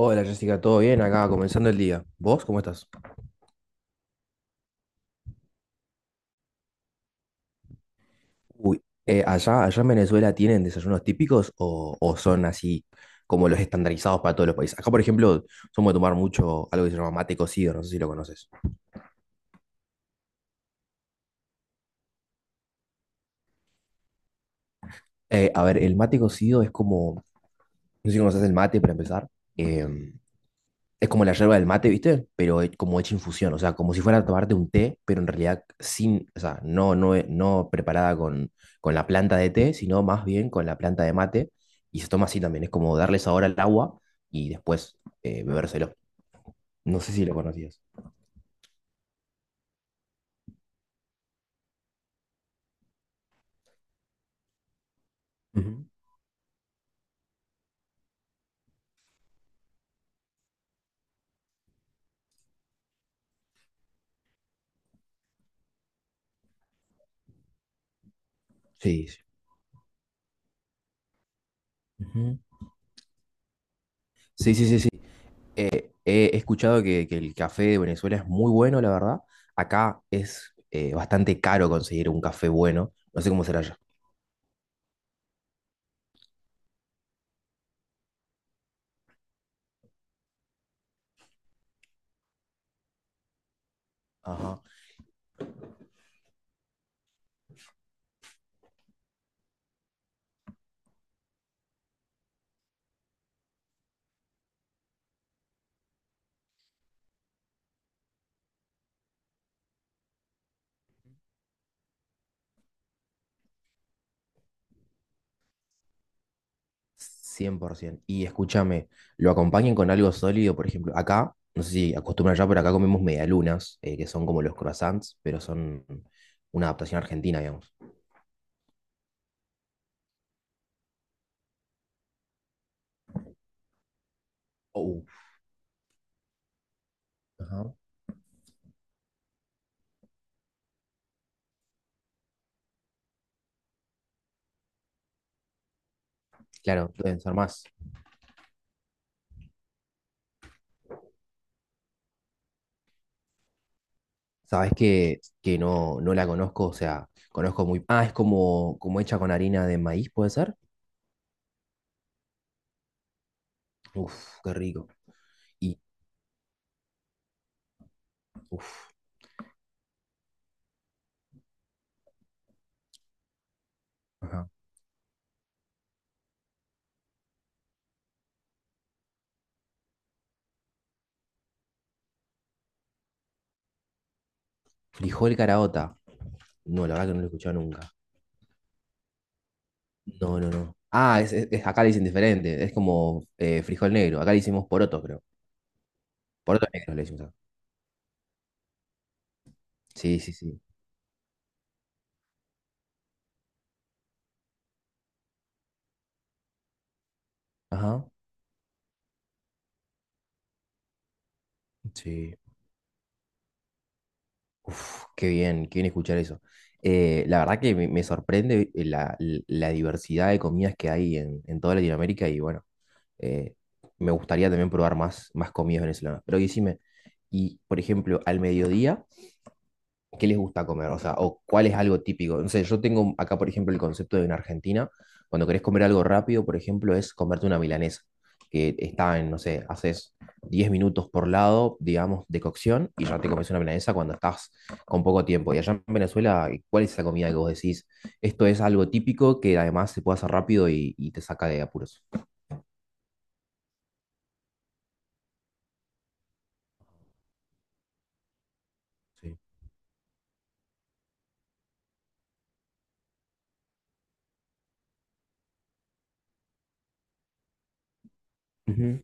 Hola Jessica, ¿todo bien? Acá comenzando el día. ¿Vos cómo estás? Uy, ¿allá en Venezuela tienen desayunos típicos o son así como los estandarizados para todos los países? Acá, por ejemplo, somos de tomar mucho algo que se llama mate cocido, no sé si lo conoces. A ver, el mate cocido es como, no sé si conoces el mate para empezar. Eh, Es como la yerba del mate, ¿viste? Pero como hecha infusión, o sea, como si fuera a tomarte un té, pero en realidad sin, o sea, no preparada con la planta de té, sino más bien con la planta de mate. Y se toma así también, es como darle sabor al agua y después bebérselo. No sé si lo conocías. Ujú. Sí, sí. Ujú. Sí, sí, sí, sí. He escuchado que el café de Venezuela es muy bueno, la verdad. Acá es bastante caro conseguir un café bueno. No sé cómo será allá. Ajá. 100%. Y escúchame, lo acompañen con algo sólido, por ejemplo, acá, no sé si acostumbran ya, pero acá comemos medialunas, que son como los croissants, pero son una adaptación argentina, digamos. Oh. Ajá. Claro, deben ser más. Sabes que no la conozco, o sea, conozco muy. Ah, es como hecha con harina de maíz, ¿puede ser? Uf, qué rico. Y, uf, ajá. Frijol caraota. No, la verdad que no lo he escuchado nunca. No, no, no. Ah, acá le dicen diferente. Es como frijol negro. Acá le hicimos poroto, creo. Poroto negro le decimos acá. Sí, sí, sí. Ajá. Sí. Uf, qué bien escuchar eso. La verdad que me sorprende la diversidad de comidas que hay en toda Latinoamérica y bueno, eh, me gustaría también probar más comidas venezolanas. Pero decime, y por ejemplo, al mediodía, qué les gusta comer, o sea, o cuál es algo típico. No sé, yo tengo acá, por ejemplo, el concepto de en Argentina, cuando querés comer algo rápido, por ejemplo, es comerte una milanesa, que está en, no sé, haces 10 minutos por lado, digamos, de cocción, y ya te comes una milanesa cuando estás con poco tiempo. Y allá en Venezuela, ¿cuál es esa comida que vos decís? Esto es algo típico que además se puede hacer rápido y te saca de apuros. Sí. Ujú.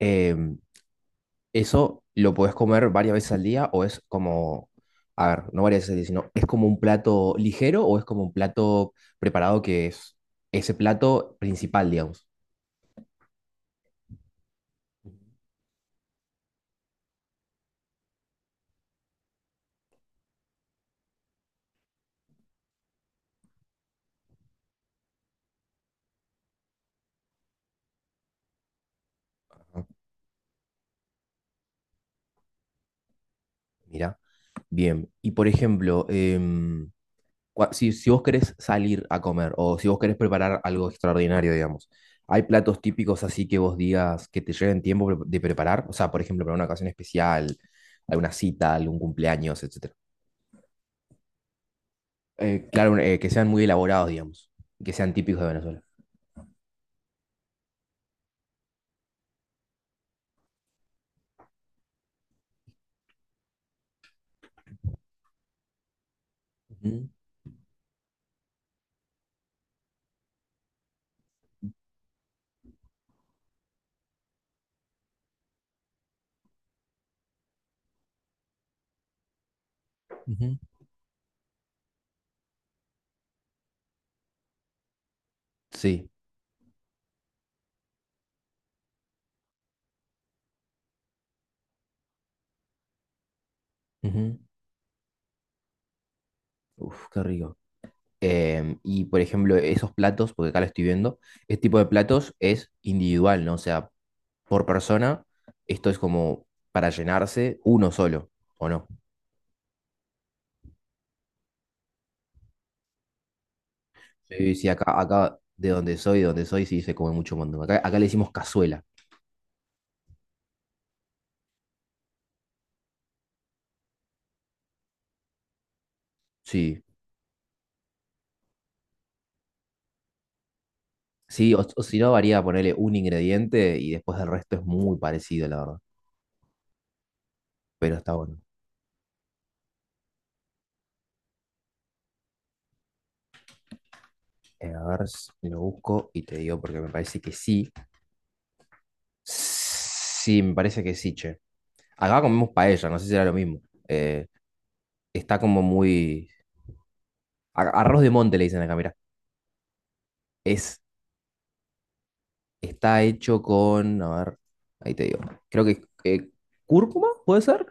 Em, Eso lo podés comer varias veces al día o es como, a ver, no varias veces al día, sino es como un plato ligero o es como un plato preparado que es ese plato principal, digamos. Ah, mira, bien. Y por ejemplo, si vos querés salir a comer o si vos querés preparar algo extraordinario, digamos, ¿hay platos típicos así que vos digas que te lleven tiempo de preparar? O sea, por ejemplo, para una ocasión especial, alguna cita, algún cumpleaños, etc. Claro, que sean muy elaborados, digamos, que sean típicos de Venezuela. Ujú, ujú. Sí. Ujú. Uf, qué rico. Y por ejemplo, esos platos, porque acá lo estoy viendo, este tipo de platos es individual, ¿no? O sea, por persona, esto es como para llenarse uno solo, ¿o no? Sí, sí, sí, acá de donde soy, sí se come mucho mondongo. Acá le decimos cazuela, sí. Sí, o si no, varía ponerle un ingrediente y después el resto es muy parecido, la verdad. Pero está bueno. A ver, lo busco y te digo porque me parece que sí. Sí, me parece que sí, che. Acá comemos paella, no sé si era lo mismo. Eh, está como muy. Arroz de monte le dicen acá, mirá. Es, está hecho con, a ver, ahí te digo. Creo que cúrcuma, ¿puede ser?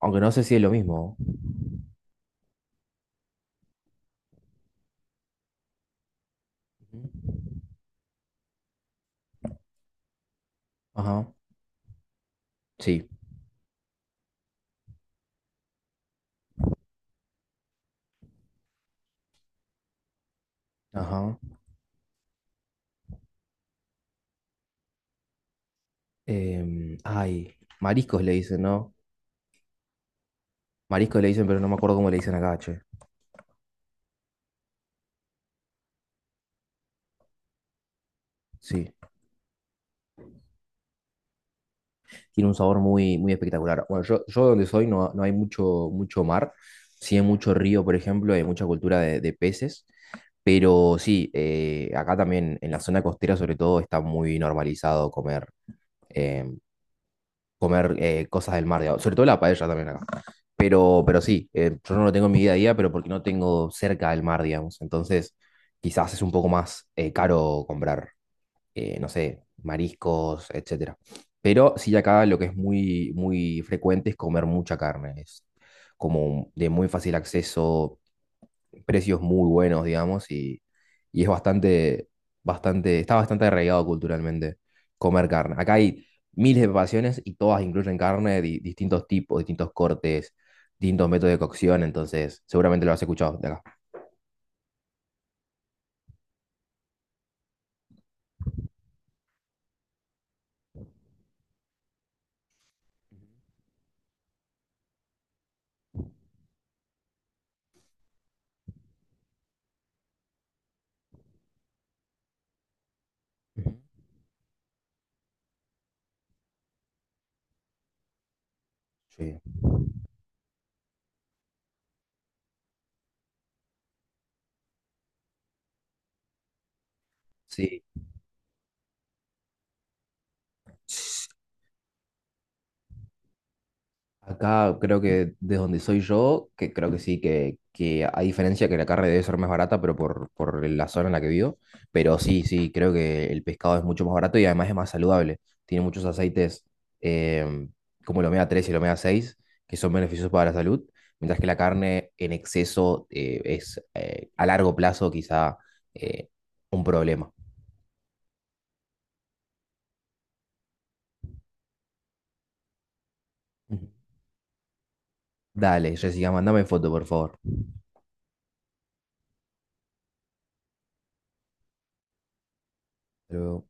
Aunque no sé si es lo mismo. Ujú. Ajá, sí, ajá. Ay, mariscos le dicen, ¿no? Mariscos le dicen, pero no me acuerdo cómo le dicen acá, che. Sí. Tiene un sabor muy, muy espectacular. Bueno, yo donde soy no hay mucho, mucho mar, sí hay mucho río, por ejemplo, hay mucha cultura de peces, pero sí, acá también en la zona costera sobre todo está muy normalizado eh, comer cosas del mar, digamos, sobre todo la paella también acá. Pero sí, yo no lo tengo en mi día a día, pero porque no tengo cerca del mar, digamos, entonces quizás es un poco más caro comprar no sé, mariscos, etcétera. Pero sí acá lo que es muy, muy frecuente es comer mucha carne. Es como de muy fácil acceso, precios muy buenos, digamos, y está bastante arraigado culturalmente comer carne. Acá hay miles de preparaciones y todas incluyen carne, de distintos tipos, distintos cortes, distintos métodos de cocción, entonces seguramente lo has escuchado de acá. Ujú. Sí. Sí. Acá creo que desde donde soy yo, que creo que sí, que a diferencia que la carne debe ser más barata, pero por la zona en la que vivo, pero sí, sí, creo que el pescado es mucho más barato y además es más saludable. Tiene muchos aceites eh, como el omega 3 y el omega 6 que son beneficiosos para la salud, mientras que la carne en exceso es a largo plazo quizá eh, un problema. Ujú. Dale, Jessica, mandame foto, por favor. Pero-